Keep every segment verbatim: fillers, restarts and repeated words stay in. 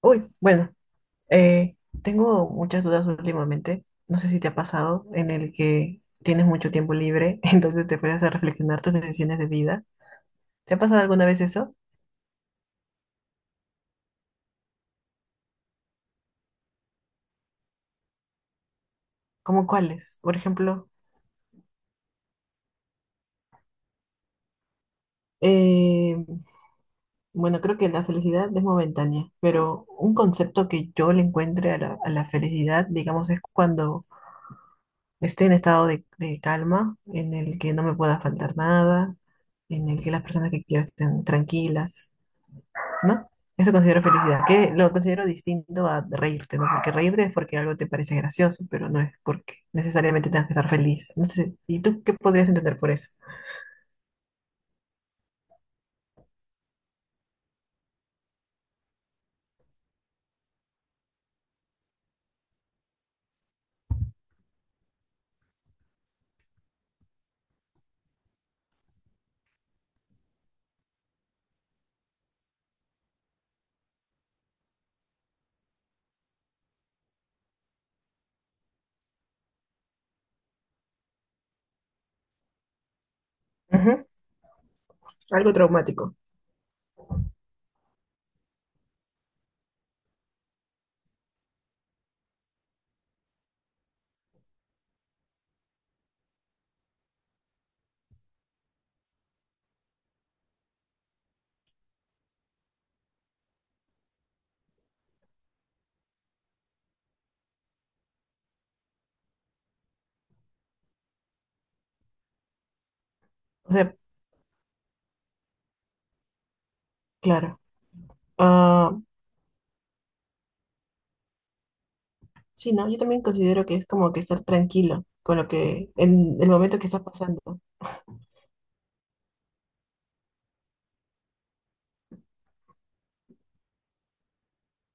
Uy, bueno, eh, tengo muchas dudas últimamente. No sé si te ha pasado en el que tienes mucho tiempo libre, entonces te puedes hacer reflexionar tus decisiones de vida. ¿Te ha pasado alguna vez eso? ¿Cómo cuáles? Por ejemplo, eh, bueno, creo que la felicidad es momentánea, pero un concepto que yo le encuentre a la, a la felicidad, digamos, es cuando esté en estado de, de calma, en el que no me pueda faltar nada, en el que las personas que quiero estén tranquilas, ¿no? Eso considero felicidad, que lo considero distinto a reírte, ¿no? Porque reírte es porque algo te parece gracioso, pero no es porque necesariamente tengas que estar feliz. No sé, ¿y tú qué podrías entender por eso? Ujú. Algo traumático. O sea, claro. Ah, sí, ¿no? Yo también considero que es como que estar tranquilo con lo que, en el momento que estás pasando.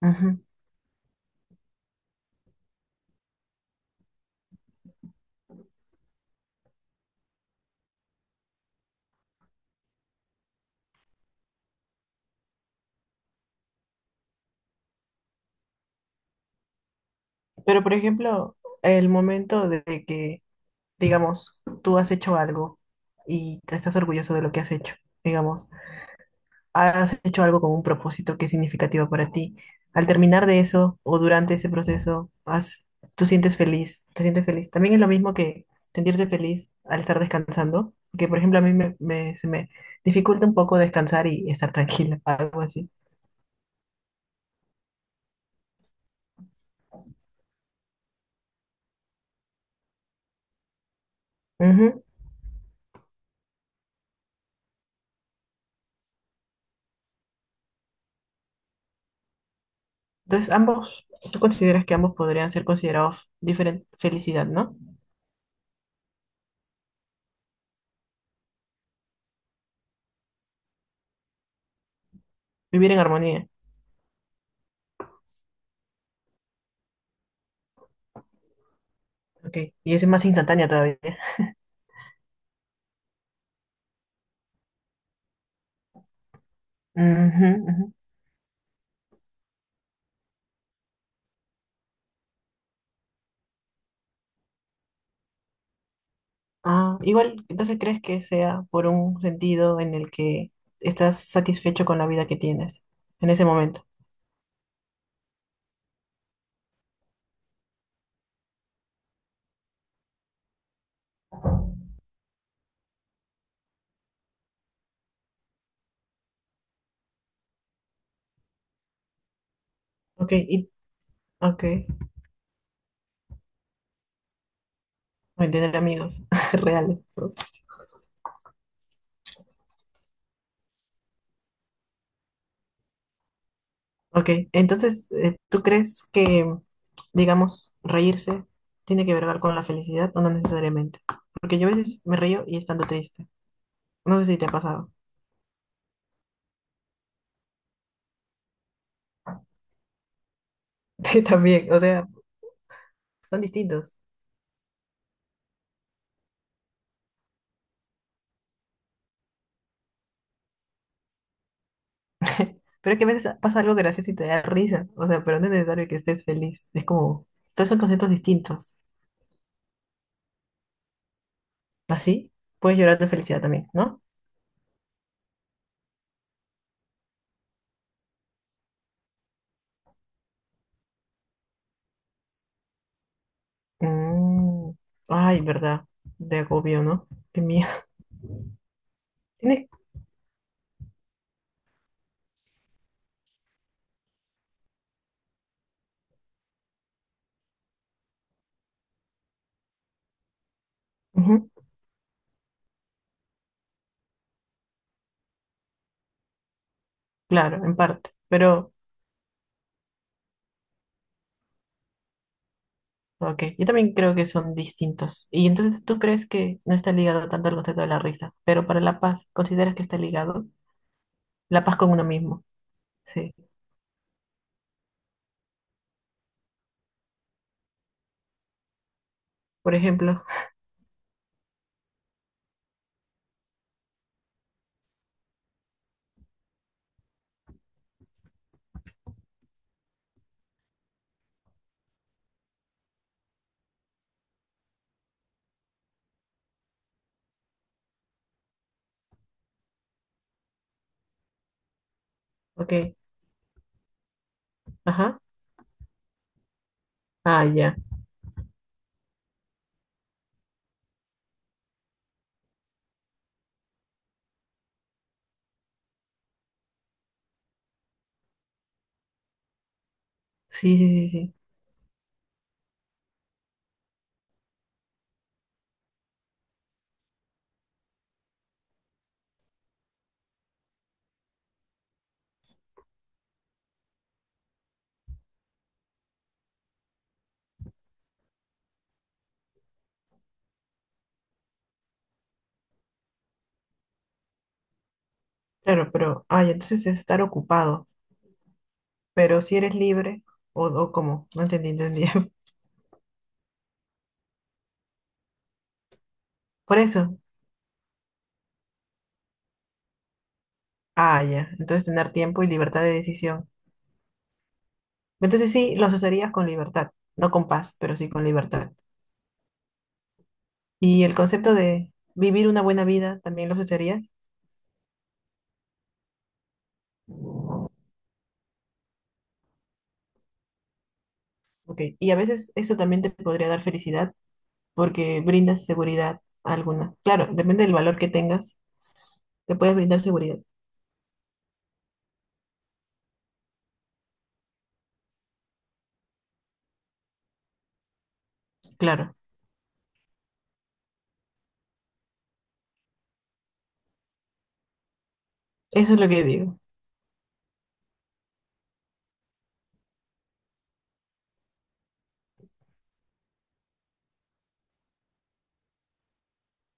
Ujú. Pero, por ejemplo, el momento de de que, digamos, tú has hecho algo y te estás orgulloso de lo que has hecho, digamos. Has hecho algo con un propósito que es significativo para ti. Al terminar de eso o durante ese proceso, has, tú sientes feliz, te sientes feliz. También es lo mismo que sentirse feliz al estar descansando, que por ejemplo a mí me, me- se me dificulta un poco descansar y estar tranquila, algo así. Ujú. Entonces, ambos, tú consideras que ambos podrían ser considerados diferente felicidad, ¿no? Vivir en armonía. Ok, y ese es más instantánea todavía. Ujú, ujú. Ah, igual, entonces crees que sea por un sentido en el que estás satisfecho con la vida que tienes en ese momento. Ok, y ok, bueno, tener amigos reales, ¿no? Ok, entonces, eh, ¿tú crees que, digamos, reírse tiene que ver con la felicidad o no necesariamente? Porque yo a veces me río y estando triste. No sé si te ha pasado. Sí, también, o sea, son distintos. Pero es que a veces pasa algo gracioso y te da risa. O sea, pero no es necesario que estés feliz. Es como, todos son conceptos distintos. Así puedes llorar de felicidad también, ¿no? Mm, ay, verdad. De agobio, ¿no? Qué miedo. Tienes... Ujú. Claro, en parte. Pero, ok. Yo también creo que son distintos. Y entonces tú crees que no está ligado tanto al concepto de la risa. Pero para la paz, ¿consideras que está ligado? La paz con uno mismo. Sí. Por ejemplo, ok. Ajá. Ah, ya. Sí, sí, sí, sí. Claro, pero, ay, ¿entonces es estar ocupado, pero si eres libre, o, o cómo? No entendí, entendí. Por eso, ah, ya, entonces tener tiempo y libertad de decisión. Entonces sí, los usarías con libertad, no con paz, pero sí con libertad. Y el concepto de vivir una buena vida, ¿también los usarías? Ok, y a veces eso también te podría dar felicidad, porque brindas seguridad alguna. Claro, depende del valor que tengas, te puedes brindar seguridad, claro, eso es lo que digo.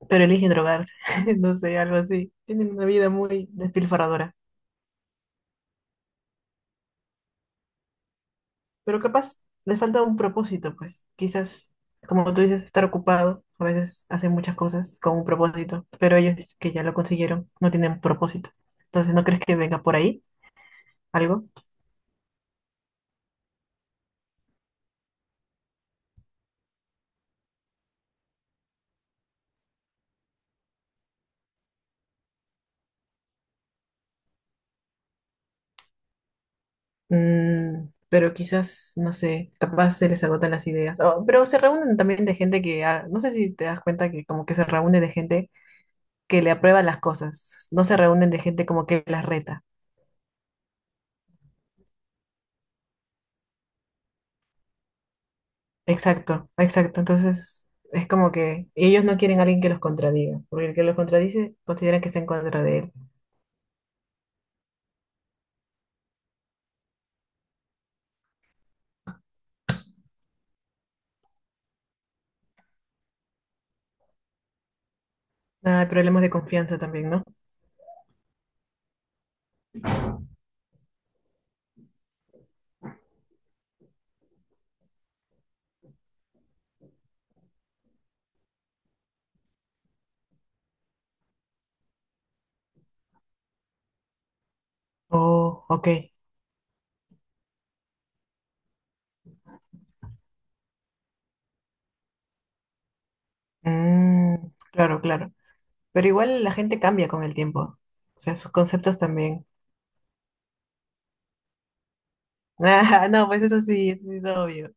Pero elige drogarse, no sé, algo así. Tienen una vida muy despilfarradora, pero capaz les falta un propósito, pues. Quizás, como tú dices, estar ocupado, a veces hacen muchas cosas con un propósito, pero ellos que ya lo consiguieron no tienen propósito. Entonces, ¿no crees que venga por ahí algo? Mm, pero quizás, no sé, capaz se les agotan las ideas. Oh, pero se reúnen también de gente que, ah, no sé si te das cuenta que como que se reúnen de gente que le aprueba las cosas, no se reúnen de gente como que las reta. Exacto, exacto. Entonces es como que ellos no quieren a alguien que los contradiga, porque el que los contradice consideran que está en contra de él. Ah, hay problemas de confianza también, ¿no? Oh, ok. Mm, claro, claro. Pero igual la gente cambia con el tiempo. O sea, sus conceptos también. Ah, no, pues eso sí, eso sí es obvio.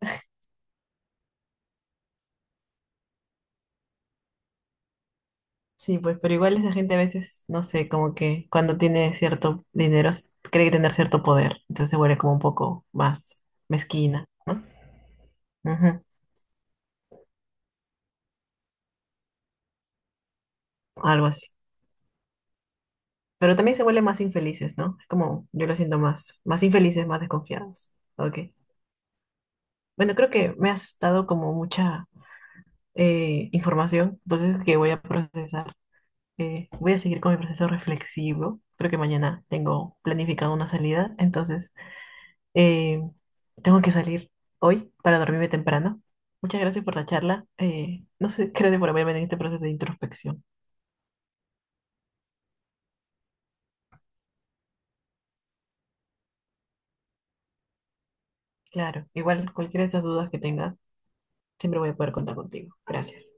Sí, pues, pero igual esa gente a veces, no sé, como que cuando tiene cierto dinero, s- cree tener cierto poder. Entonces se vuelve como un poco más mezquina, ¿no? Ujú, algo así. Pero también se vuelven más infelices, ¿no? Es como yo lo siento más, más infelices, más desconfiados. Ok. Bueno, creo que me has dado como mucha eh, información, entonces que voy a procesar. Eh, voy a seguir con mi proceso reflexivo. Creo que mañana tengo planificada una salida, entonces eh, tengo que salir hoy para dormirme temprano. Muchas gracias por la charla. Eh, no sé, gracias por haberme en este proceso de introspección. Claro, igual cualquiera de esas dudas que tengas, siempre voy a poder contar contigo. Gracias.